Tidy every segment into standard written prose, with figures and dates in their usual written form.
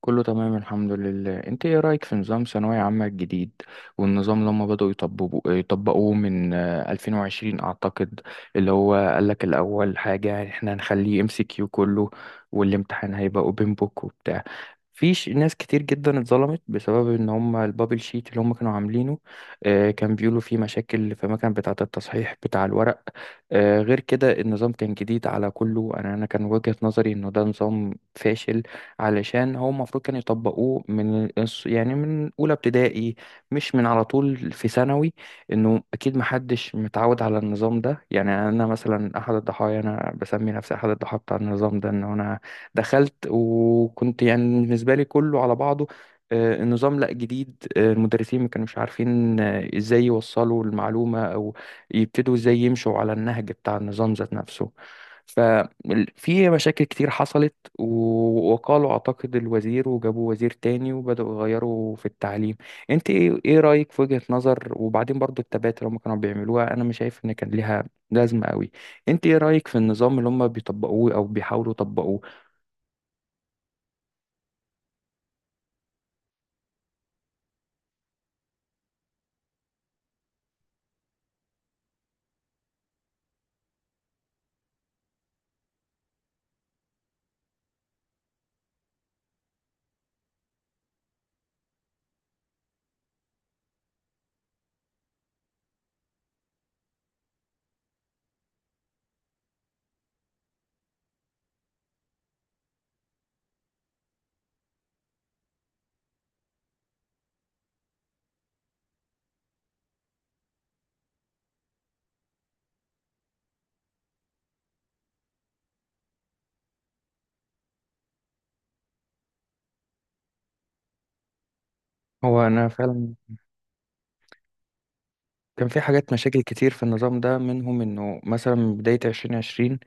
كله تمام الحمد لله. انت ايه رأيك في نظام ثانوية عامة الجديد؟ والنظام اللي هم بدأوا يطبقوه من 2020 اعتقد. اللي هو قالك الاول حاجة احنا هنخليه ام سي كيو كله، والامتحان هيبقى اوبن بوك وبتاع. ناس كتير جدا اتظلمت بسبب ان هم البابل شيت اللي هم كانوا عاملينه. كان بيقولوا فيه مشاكل في المكان بتاعة التصحيح بتاع الورق. غير كده النظام كان جديد على كله. انا كان وجهة نظري انه ده نظام فاشل، علشان هو المفروض كانوا يطبقوه من من أولى ابتدائي، مش من على طول في ثانوي. إنه أكيد محدش متعود على النظام ده. يعني أنا مثلا أحد الضحايا، أنا بسمي نفسي أحد الضحايا بتاع النظام ده. إن أنا دخلت وكنت يعني بالنسبة لي كله على بعضه. النظام لا جديد، المدرسين ما كانوش عارفين ازاي يوصلوا المعلومة او يبتدوا ازاي يمشوا على النهج بتاع النظام ذات نفسه. ففي مشاكل كتير حصلت، وقالوا أعتقد الوزير، وجابوا وزير تاني وبدأوا يغيروا في التعليم. انت ايه رأيك في وجهة نظر؟ وبعدين برضو التبات اللي هم كانوا بيعملوها، انا مش شايف ان كان ليها لازمة قوي. انت ايه رأيك في النظام اللي هم بيطبقوه او بيحاولوا يطبقوه؟ هو انا فعلا كان في حاجات، مشاكل كتير في النظام ده، منهم انه مثلا من بداية 2020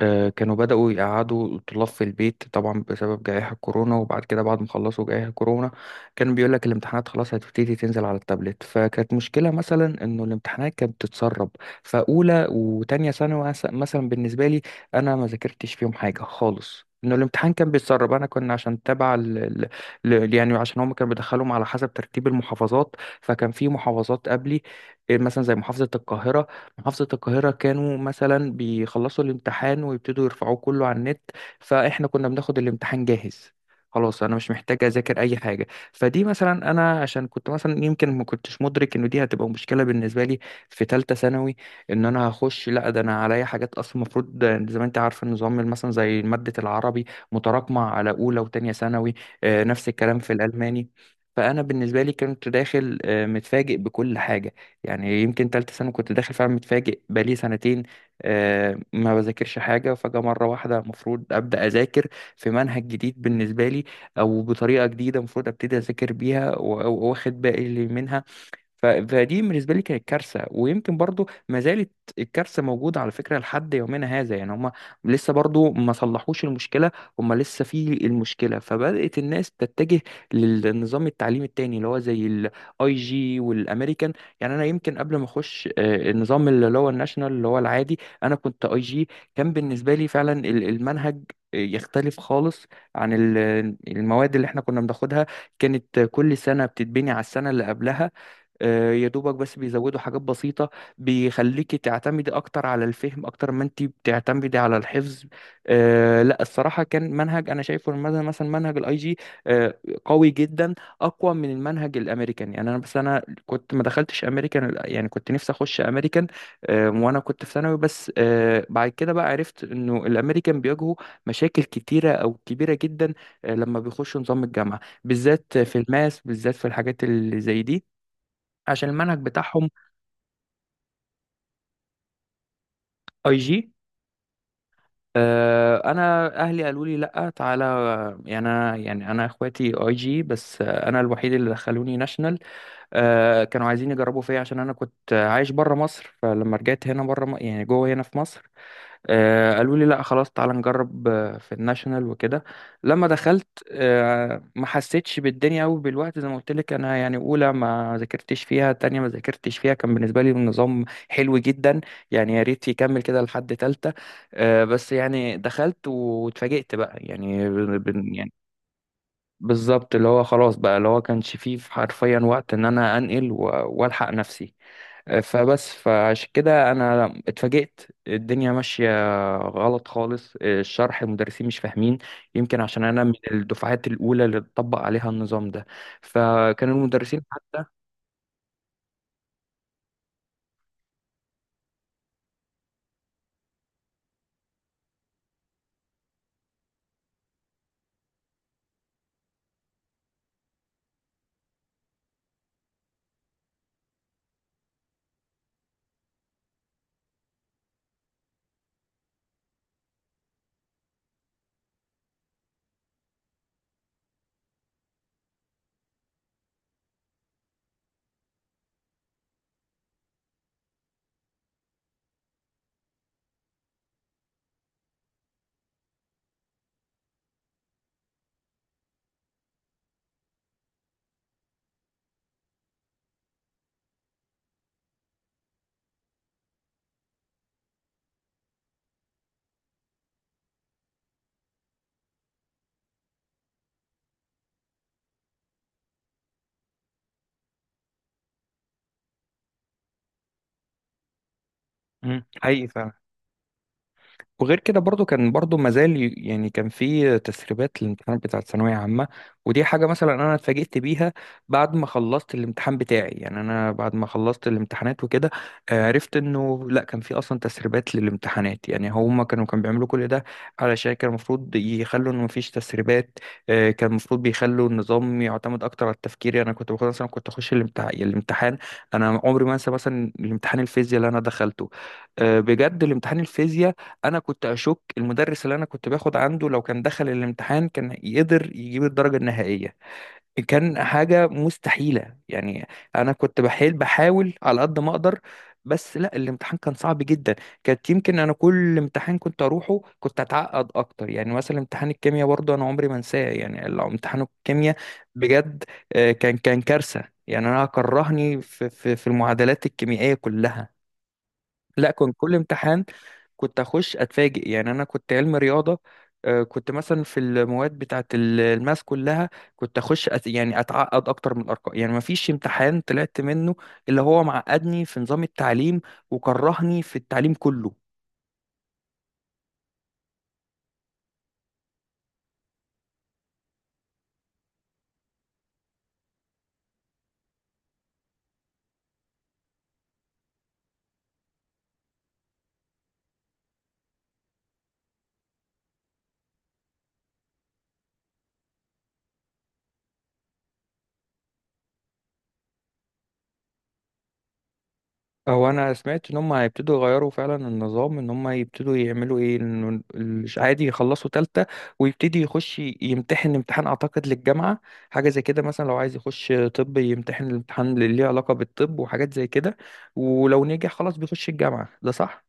كانوا بدأوا يقعدوا الطلاب في البيت طبعا بسبب جائحة كورونا. وبعد كده بعد ما خلصوا جائحة كورونا كان بيقول لك الامتحانات خلاص هتبتدي تنزل على التابلت. فكانت مشكلة مثلا انه الامتحانات كانت بتتسرب. فأولى وتانية ثانوي مثلا بالنسبة لي انا ما ذاكرتش فيهم حاجة خالص، انه الامتحان كان بيتسرب. انا كنا عشان تبع ال... ال... ل- يعني عشان هم كانوا بيدخلهم على حسب ترتيب المحافظات. فكان في محافظات قبلي، إيه، مثلا زي محافظة القاهرة. محافظة القاهرة كانوا مثلا بيخلصوا الامتحان ويبتدوا يرفعوه كله على النت، فإحنا كنا بناخد الامتحان جاهز. خلاص أنا مش محتاج أذاكر أي حاجة. فدي مثلا أنا عشان كنت مثلا يمكن ما كنتش مدرك إن دي هتبقى مشكلة بالنسبة لي في تالتة ثانوي. إن أنا هخش، لا ده أنا عليا حاجات أصلا المفروض. زي ما أنت عارف النظام مثلا زي مادة العربي متراكمة على أولى وتانية ثانوي. نفس الكلام في الألماني. فأنا بالنسبة لي كنت داخل متفاجئ بكل حاجة. يعني يمكن تالتة سنة كنت داخل فعلا متفاجئ. بقالي سنتين ما بذاكرش حاجة، فجأة مرة واحدة المفروض أبدأ أذاكر في منهج جديد بالنسبة لي، أو بطريقة جديدة المفروض أبتدي أذاكر بيها وأخد بالي منها. فدي بالنسبه لي كانت كارثه، ويمكن برضو ما زالت الكارثه موجوده على فكره لحد يومنا هذا. يعني هم لسه برضو ما صلحوش المشكله، هم لسه في المشكله. فبدات الناس تتجه للنظام التعليمي التاني، اللي هو زي الاي جي والامريكان. يعني انا يمكن قبل ما اخش النظام اللي هو الناشونال اللي هو العادي، انا كنت اي جي. كان بالنسبه لي فعلا المنهج يختلف خالص عن المواد اللي احنا كنا بناخدها. كانت كل سنه بتتبني على السنه اللي قبلها، يا دوبك بس بيزودوا حاجات بسيطة، بيخليكي تعتمدي أكتر على الفهم أكتر ما أنت بتعتمدي على الحفظ. آه لا، الصراحة كان منهج أنا شايفه، مثلا منهج الأي جي آه، قوي جدا، أقوى من المنهج الأمريكان. يعني أنا، بس أنا كنت ما دخلتش أمريكان، يعني كنت نفسي أخش أمريكان آه، وأنا كنت في ثانوي. بس آه بعد كده بقى عرفت إنه الأمريكان بيواجهوا مشاكل كتيرة أو كبيرة جدا آه، لما بيخشوا نظام الجامعة، بالذات في الماس، بالذات في الحاجات اللي زي دي، عشان المنهج بتاعهم. اي جي. انا اهلي قالوا لي لا تعالى. يعني انا اخواتي اي جي، بس انا الوحيد اللي دخلوني ناشونال. كانوا عايزين يجربوا فيا عشان انا كنت عايش بره مصر، فلما رجعت هنا، بره يعني جوه، هنا في مصر قالوا لي لا خلاص تعالى نجرب في الناشونال وكده. لما دخلت ما حسيتش بالدنيا قوي بالوقت، زي ما قلت لك انا يعني اولى ما ذاكرتش فيها، تانية ما ذاكرتش فيها، كان بالنسبه لي النظام حلو جدا. يعني يا ريت يكمل كده لحد تالتة بس يعني دخلت واتفاجئت بقى يعني يعني بالظبط. اللي هو خلاص بقى اللي هو كانش فيه حرفيا وقت ان انا انقل والحق نفسي. فبس فعشان كده انا اتفاجئت. الدنيا ماشيه غلط خالص، الشرح المدرسين مش فاهمين، يمكن عشان انا من الدفعات الاولى اللي اتطبق عليها النظام ده. فكان المدرسين حتى. مم، حقيقي فعلا. وغير كده برضو كان برضو مازال، يعني كان في تسريبات للامتحانات بتاعة ثانوية عامة. ودي حاجة مثلا أنا اتفاجئت بيها بعد ما خلصت الامتحان بتاعي، يعني أنا بعد ما خلصت الامتحانات وكده عرفت إنه لأ كان في أصلا تسريبات للامتحانات. يعني هما كانوا بيعملوا كل ده علشان كان المفروض يخلوا إنه مفيش تسريبات. كان المفروض بيخلوا النظام يعتمد أكتر على التفكير. يعني أنا كنت باخد مثلا، كنت أخش الامتحان، أنا عمري ما أنسى مثلا الامتحان الفيزياء اللي أنا دخلته بجد. الامتحان الفيزياء انا كنت اشك المدرس اللي انا كنت باخد عنده لو كان دخل الامتحان كان يقدر يجيب الدرجه النهائيه. كان حاجه مستحيله يعني. انا كنت بحاول على قد ما اقدر، بس لا الامتحان كان صعب جدا. كانت يمكن انا كل امتحان كنت اروحه كنت اتعقد اكتر. يعني مثلا امتحان الكيمياء برضه انا عمري ما انساه. يعني لو امتحان الكيمياء بجد كان كارثه. يعني انا كرهني في في المعادلات الكيميائيه كلها. لا كان كل امتحان كنت اخش اتفاجئ. يعني انا كنت علم رياضه كنت مثلا في المواد بتاعت الماس كلها، كنت اخش أت... يعني اتعقد اكتر من الارقام. يعني ما فيش امتحان طلعت منه اللي هو معقدني في نظام التعليم، وكرهني في التعليم كله. هو انا سمعت ان هم هيبتدوا يغيروا فعلا النظام، ان هم يبتدوا يعملوا ايه، انه عادي يخلصوا تالتة ويبتدي يخش يمتحن امتحان اعتقد للجامعة. حاجة زي كده، مثلا لو عايز يخش طب يمتحن الامتحان اللي ليه علاقة بالطب وحاجات زي كده. ولو نجح خلاص بيخش الجامعة، ده صح؟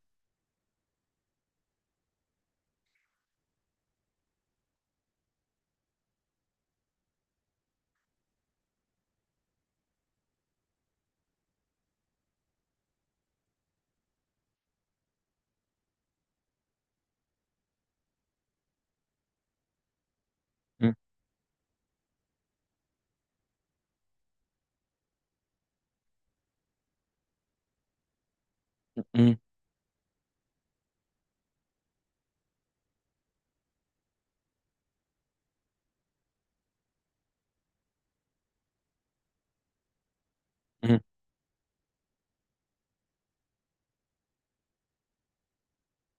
مم. مم.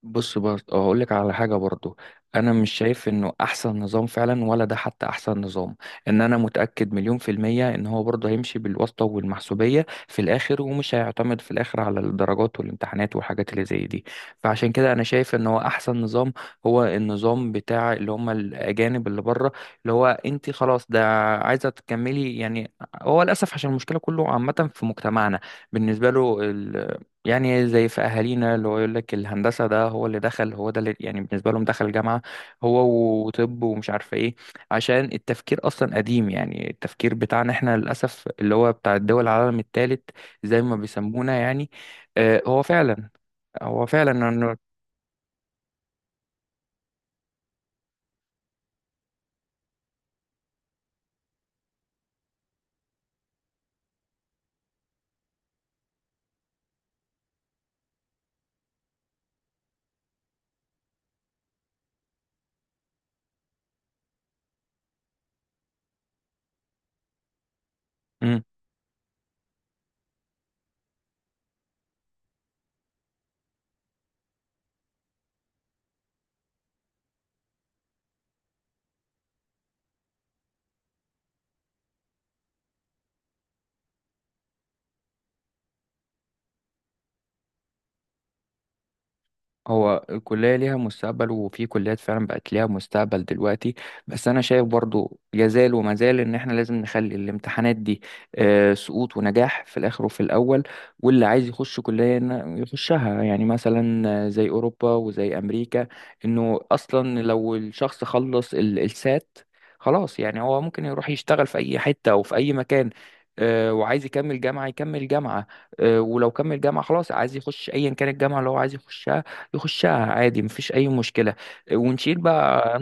بص برضه هقول لك على حاجه برضه. انا مش شايف انه احسن نظام فعلا، ولا ده حتى احسن نظام، ان انا متاكد مليون في الميه ان هو برضه هيمشي بالواسطه والمحسوبيه في الاخر، ومش هيعتمد في الاخر على الدرجات والامتحانات والحاجات اللي زي دي. فعشان كده انا شايف ان هو احسن نظام هو النظام بتاع اللي هم الاجانب اللي بره. اللي هو انت خلاص ده عايزه تكملي يعني. هو للاسف عشان المشكله كله عامه في مجتمعنا بالنسبه له. يعني زي في اهالينا اللي هو يقول لك الهندسه ده هو اللي دخل، هو ده اللي يعني بالنسبه لهم دخل جامعه هو، وطب، ومش عارفه ايه، عشان التفكير اصلا قديم. يعني التفكير بتاعنا احنا للاسف اللي هو بتاع الدول العالم الثالث زي ما بيسمونا يعني. هو فعلا، هو فعلا انه، هو الكلية ليها مستقبل. وفي كليات فعلا بقت ليها مستقبل دلوقتي، بس أنا شايف برضو يزال وما زال إن إحنا لازم نخلي الامتحانات دي سقوط ونجاح في الآخر وفي الأول. واللي عايز يخش كلية يخشها، يعني مثلا زي أوروبا وزي أمريكا، إنه أصلا لو الشخص خلص السات خلاص. يعني هو ممكن يروح يشتغل في أي حتة أو في أي مكان وعايز يكمل جامعة يكمل جامعة ولو كمل جامعة خلاص عايز يخش أيا كان الجامعة اللي هو عايز يخشها يخشها عادي، مفيش اي مشكله. ونشيل بقى.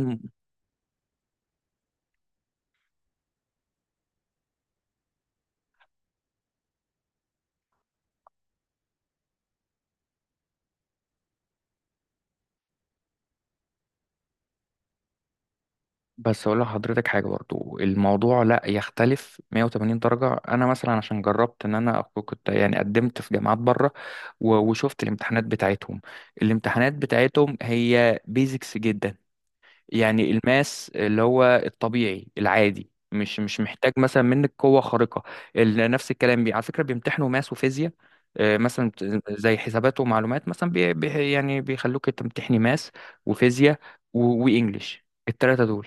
بس اقول لحضرتك حاجه برضو، الموضوع لا يختلف 180 درجه. انا مثلا عشان جربت ان انا أكون- كنت يعني قدمت في جامعات بره وشفت الامتحانات بتاعتهم. الامتحانات بتاعتهم هي بيزكس جدا. يعني الماس اللي هو الطبيعي العادي مش مش محتاج مثلا منك قوة خارقة. نفس الكلام بي على فكرة بيمتحنوا ماس وفيزياء مثلا زي حسابات ومعلومات مثلا بي يعني بيخلوك تمتحني ماس وفيزياء وإنجليش، التلاتة دول.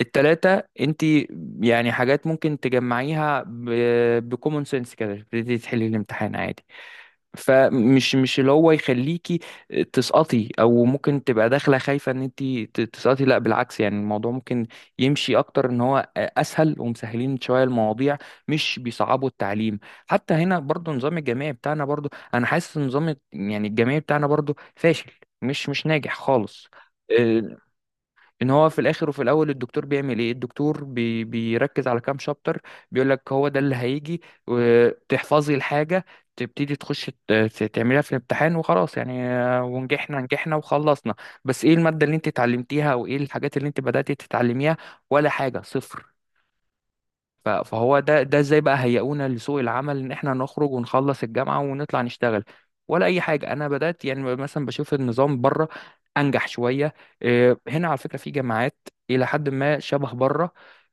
التلاتة انت يعني حاجات ممكن تجمعيها بكومون سنس كده، تبتدي تحلي الامتحان عادي. فمش مش اللي هو يخليكي تسقطي، او ممكن تبقى داخله خايفه ان انت تسقطي، لا بالعكس. يعني الموضوع ممكن يمشي اكتر ان هو اسهل، ومسهلين شويه المواضيع، مش بيصعبوا التعليم. حتى هنا برضو نظام الجامعي بتاعنا برضو انا حاسس ان نظام، يعني الجامعي بتاعنا برضو فاشل، مش مش ناجح خالص. آه، ان هو في الاخر وفي الاول الدكتور بيعمل ايه، الدكتور بيركز على كام شابتر، بيقول لك هو ده اللي هيجي، وتحفظي الحاجه، تبتدي تخش تعمليها في الامتحان وخلاص. يعني ونجحنا نجحنا وخلصنا. بس ايه الماده اللي انت اتعلمتيها، او ايه الحاجات اللي انت بدأتي تتعلميها؟ ولا حاجه، صفر. ف- فهو ده، ازاي بقى هيئونا لسوق العمل ان احنا نخرج ونخلص الجامعه ونطلع نشتغل ولا اي حاجه. انا بدات يعني مثلا بشوف النظام بره انجح شويه. إيه، هنا على فكره في جامعات الى حد ما شبه بره،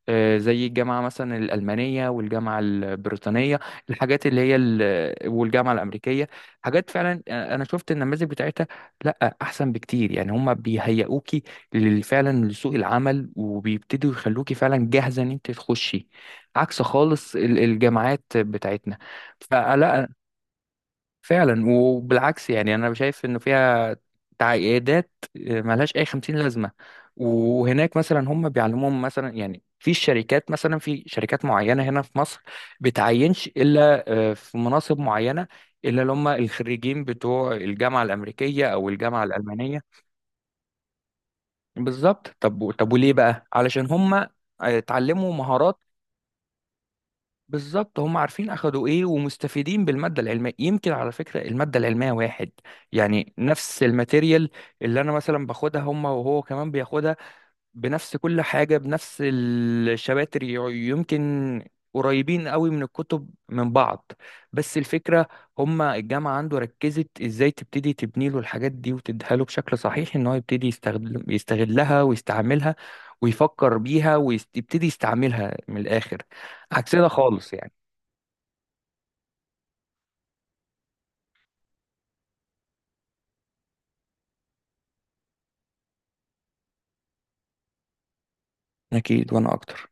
إيه، زي الجامعه مثلا الالمانيه والجامعه البريطانيه، الحاجات اللي هي والجامعه الامريكيه، حاجات فعلا انا شفت النماذج بتاعتها، لا احسن بكتير. يعني هم بيهيئوكي فعلا لسوق العمل، وبيبتدوا يخلوكي فعلا جاهزه ان انت تخشي، عكس خالص الجامعات بتاعتنا. فلا، فعلا، وبالعكس يعني انا شايف انه فيها تعقيدات ملهاش اي 50 لازمه. وهناك مثلا هم بيعلموهم مثلا، يعني في الشركات، مثلا في شركات معينه هنا في مصر بتعينش الا في مناصب معينه الا اللي هم الخريجين بتوع الجامعه الامريكيه او الجامعه الالمانيه. بالظبط. طب طب وليه بقى؟ علشان هم اتعلموا مهارات. بالظبط هم عارفين اخدوا ايه، ومستفيدين بالماده العلميه. يمكن على فكره الماده العلميه واحد، يعني نفس الماتيريال اللي انا مثلا باخدها هم وهو كمان بياخدها، بنفس كل حاجه، بنفس الشباتر، يمكن قريبين قوي من الكتب من بعض. بس الفكره هم الجامعه عنده ركزت ازاي تبتدي تبني له الحاجات دي، وتديها له بشكل صحيح ان هو يبتدي يستغلها ويستعملها ويفكر بيها ويبتدي يستعملها من الاخر. عكسنا خالص يعني. اكيد وانا اكتر.